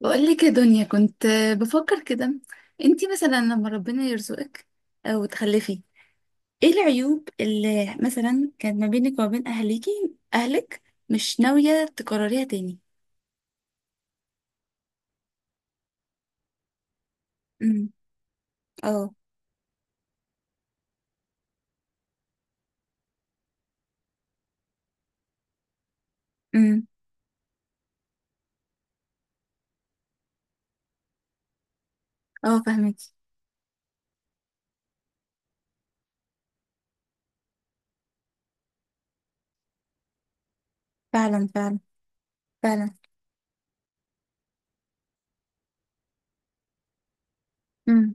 بقول لك يا دنيا، كنت بفكر كده. انتي مثلا لما ربنا يرزقك او تخلفي، ايه العيوب اللي مثلا كانت ما بينك وما بين اهلك مش ناوية تكرريها تاني؟ امم. اه. امم. اه، فاهمك. فعلا فعلا فعلا. امم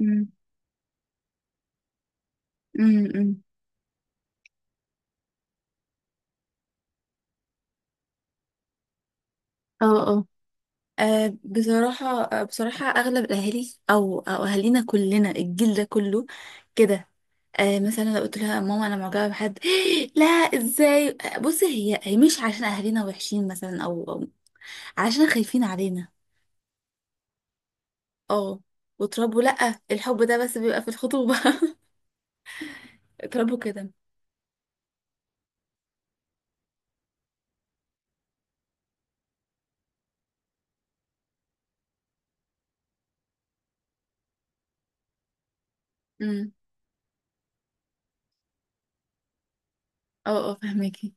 امم أمم. اه اه. آه، بصراحة، أغلب الأهالي أو أهالينا كلنا، الجيل ده كله كده. مثلا لو قلت لها ماما انا معجبه بحد. لا، ازاي؟ بصي، هي هي مش عشان اهالينا وحشين، مثلا او عشان خايفين علينا. اه. وتربوا لا، الحب ده بس بيبقى في الخطوبه اتربوا كده. امم. اه اه، فهماكي.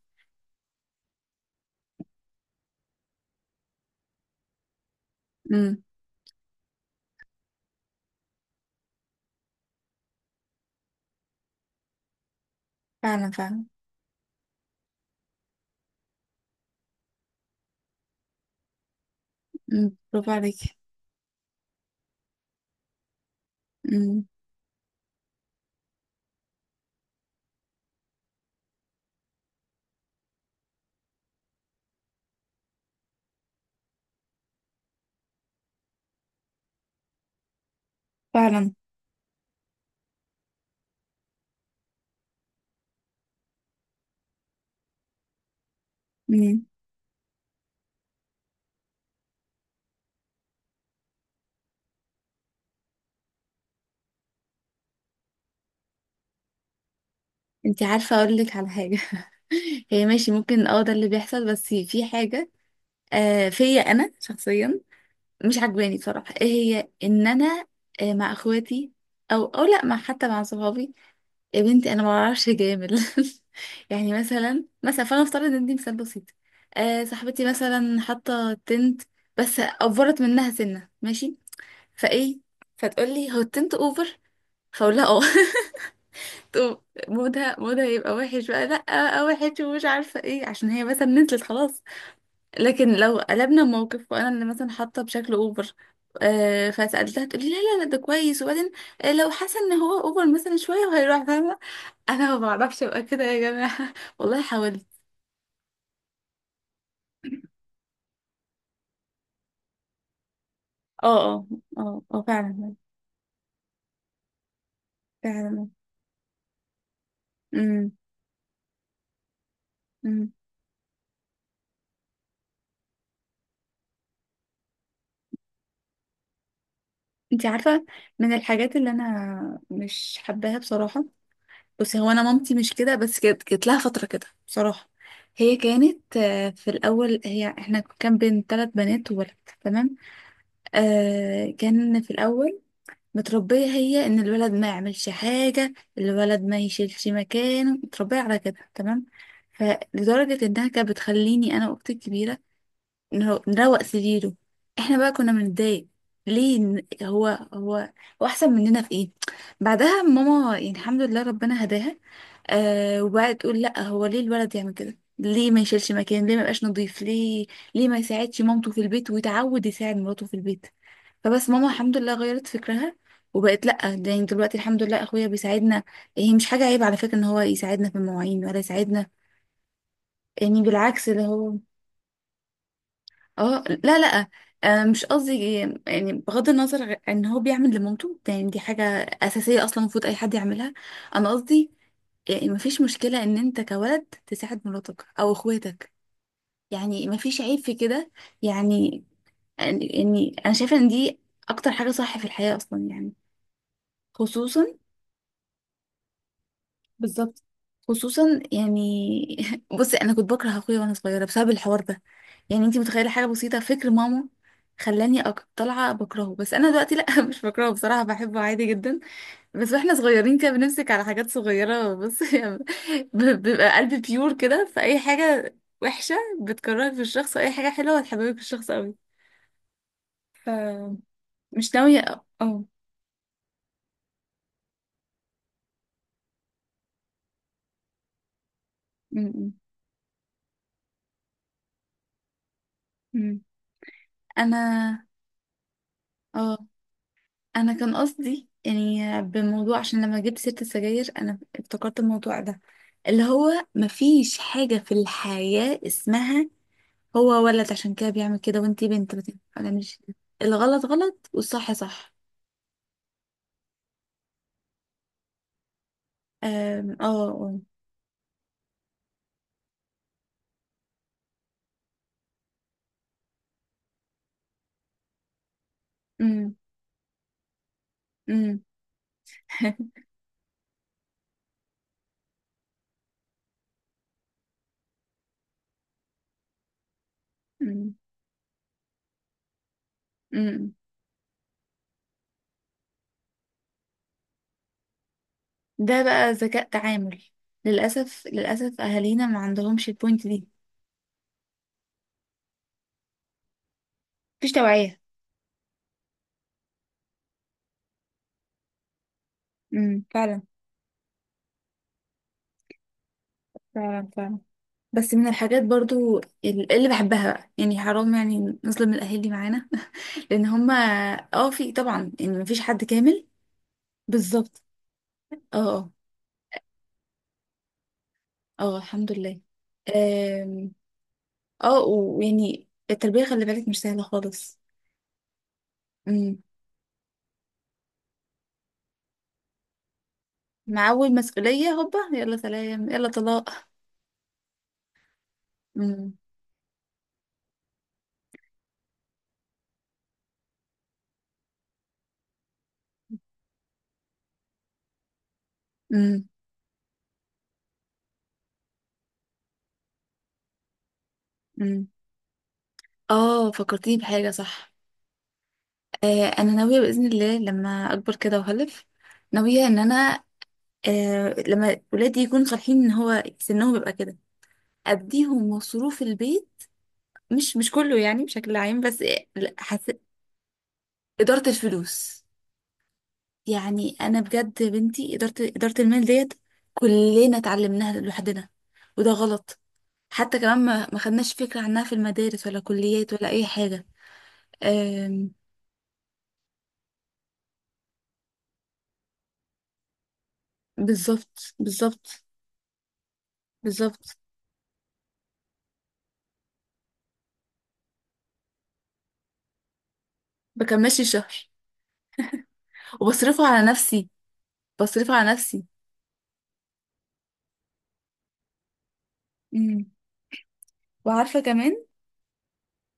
امم. فعلا فعلا. امم. برافو عليكي. امم. فعلا. امم. انتي عارفه اقول لك على حاجه؟ هي ماشي، ممكن اه ده اللي بيحصل، بس في حاجه فيا انا شخصيا مش عجباني بصراحة، ايه هي؟ ان انا مع اخواتي، او لا، حتى مع صحابي، يا بنتي انا ما بعرفش اجامل. يعني مثلا فانا افترض ان دي مثال بسيط. صاحبتي مثلا حاطه تنت، بس اوفرت منها سنه ماشي، فايه، فتقول لي هو التنت اوفر؟ فاقول لها اه. تقوم، مودها يبقى وحش بقى. لا، وحش ومش عارفه ايه، عشان هي مثلا نزلت خلاص. لكن لو قلبنا الموقف وانا اللي مثلا حاطه بشكل اوفر، فسالتها، تقولي لا لا لا، ده كويس. وبعدين لو حاسه ان هو اوفر مثلا شويه، وهيروح، فاهمه. انا ما بعرفش ابقى كده يا جماعه، والله حاولت. اه اه اه اه، فعلا فعلا. امم امم. انت عارفه، من الحاجات اللي انا مش حباها بصراحه، بس هو انا مامتي مش كده، بس كانت لها فتره كده بصراحه. هي كانت، في الاول، هي احنا كان بين ثلاث بنات وولد تمام. كان في الأول متربية هي إن الولد ما يعملش حاجة، الولد ما يشيلش مكانه، متربية على كده تمام. فلدرجة إنها كانت بتخليني أنا وأختي الكبيرة نروق سريره، إحنا بقى كنا بنتضايق ليه إن هو هو أحسن مننا في إيه. بعدها ماما يعني الحمد لله ربنا هداها. وبقى تقول لأ، هو ليه الولد يعمل كده؟ ليه ما يشيلش مكان؟ ليه ما يبقاش نظيف؟ ليه ما يساعدش مامته في البيت، ويتعود يساعد مراته في البيت. فبس ماما الحمد لله غيرت فكرها، وبقت لا، ده يعني دلوقتي الحمد لله اخويا بيساعدنا. هي مش حاجه عيب على فكره ان هو يساعدنا في المواعين ولا يساعدنا، يعني بالعكس، اللي هو اه. لا لا، مش قصدي، يعني بغض النظر ان هو بيعمل لمامته، ده يعني دي حاجه اساسيه اصلا، المفروض اي حد يعملها. انا قصدي يعني مفيش مشكله ان انت كولد تساعد مراتك او اخواتك، يعني مفيش عيب في كده، يعني يعني انا شايفه ان دي اكتر حاجه صح في الحياه اصلا يعني. خصوصا، بالظبط، خصوصا يعني. بصي انا كنت بكره اخويا وانا صغيره بسبب الحوار ده، يعني انتي متخيله؟ حاجه بسيطه فكر ماما خلاني طالعه بكرهه. بس انا دلوقتي لا، مش بكرهه بصراحه، بحبه عادي جدا. بس واحنا صغيرين كده بنمسك على حاجات صغيره، بصي، بيبقى قلبي بيور كده، فاي حاجه وحشه بتكرهك في الشخص، اي حاجه حلوه بتحببك في الشخص قوي. فمش ناويه. اه أه. م- م- م. انا اه انا كان قصدي، يعني بموضوع، عشان لما جبت سيرة السجاير انا افتكرت الموضوع ده، اللي هو مفيش حاجة في الحياة اسمها هو ولد عشان كده بيعمل كده، وانتي بنت ما تعملش كده. الغلط غلط والصح صح. أم، اه اه. أم، أم. أم، أم. ده بقى ذكاء تعامل. للأسف للأسف أهالينا ما عندهمش البوينت دي. مفيش توعية. أم، فعلا. فعلا فعلا. بس من الحاجات برضو اللي بحبها بقى، يعني حرام يعني نظلم الأهالي معانا، لأن هما اه في طبعا يعني مفيش حد كامل. بالظبط. اه اه اه، الحمد لله. آم. اه، ويعني التربية خلي بالك مش سهلة خالص. امم. مع أول مسؤولية هوبا يلا سلام يلا طلاق. امم امم امم. اه، فكرتيني بحاجة صح. أنا ناوية بإذن الله لما أكبر كده وأخلف، ناوية إن أنا لما ولادي يكونوا صالحين ان هو سنهم بيبقى كده اديهم مصروف البيت. مش كله يعني، بشكل عام. بس لا، اداره الفلوس. يعني انا بجد بنتي اداره المال ديت، كلنا اتعلمناها لوحدنا، وده غلط. حتى كمان ما خدناش فكره عنها في المدارس ولا كليات ولا اي حاجه. آم. بالظبط بالظبط. بالظبط، بكملش الشهر وبصرفه على نفسي. بصرفه على نفسي. مم. وعارفه كمان.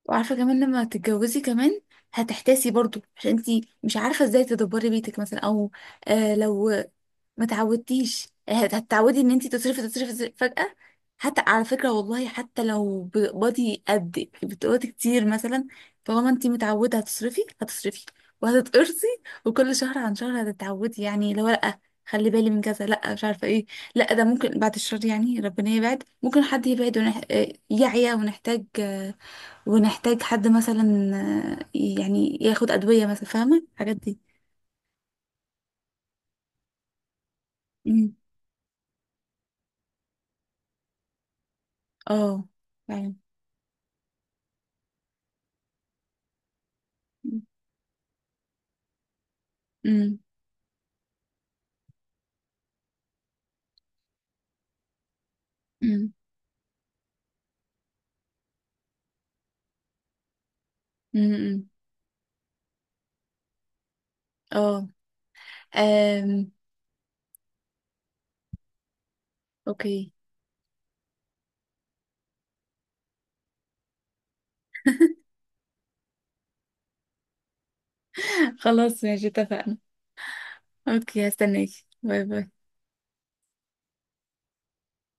وعارفه كمان، لما تتجوزي كمان، هتحتاسي برضو عشان انتي مش عارفه ازاي تدبري بيتك مثلا، او لو ما تعودتيش. هتتعودي ان انتي تصرفي تصرفي تصرفي فجاه. حتى على فكره والله، حتى لو بتقبضي قد بتقبضي كتير مثلا، طالما انتي متعوده هتصرفي هتصرفي وهتتقرصي. وكل شهر عن شهر هتتعودي، يعني لو لا، خلي بالي من كذا، لا، مش عارفه ايه. لا، ده ممكن بعد الشهر، يعني ربنا يبعد، ممكن حد يبعد ونح... آه، يعيا، ونحتاج حد مثلا، آه، يعني ياخد أدوية مثلا، فاهمة الحاجات دي؟ امم. اه، فعلا. امم امم امم. اه. آم. اوكي. خلاص ماشي، اتفقنا. اوكي، هستناكي. باي باي.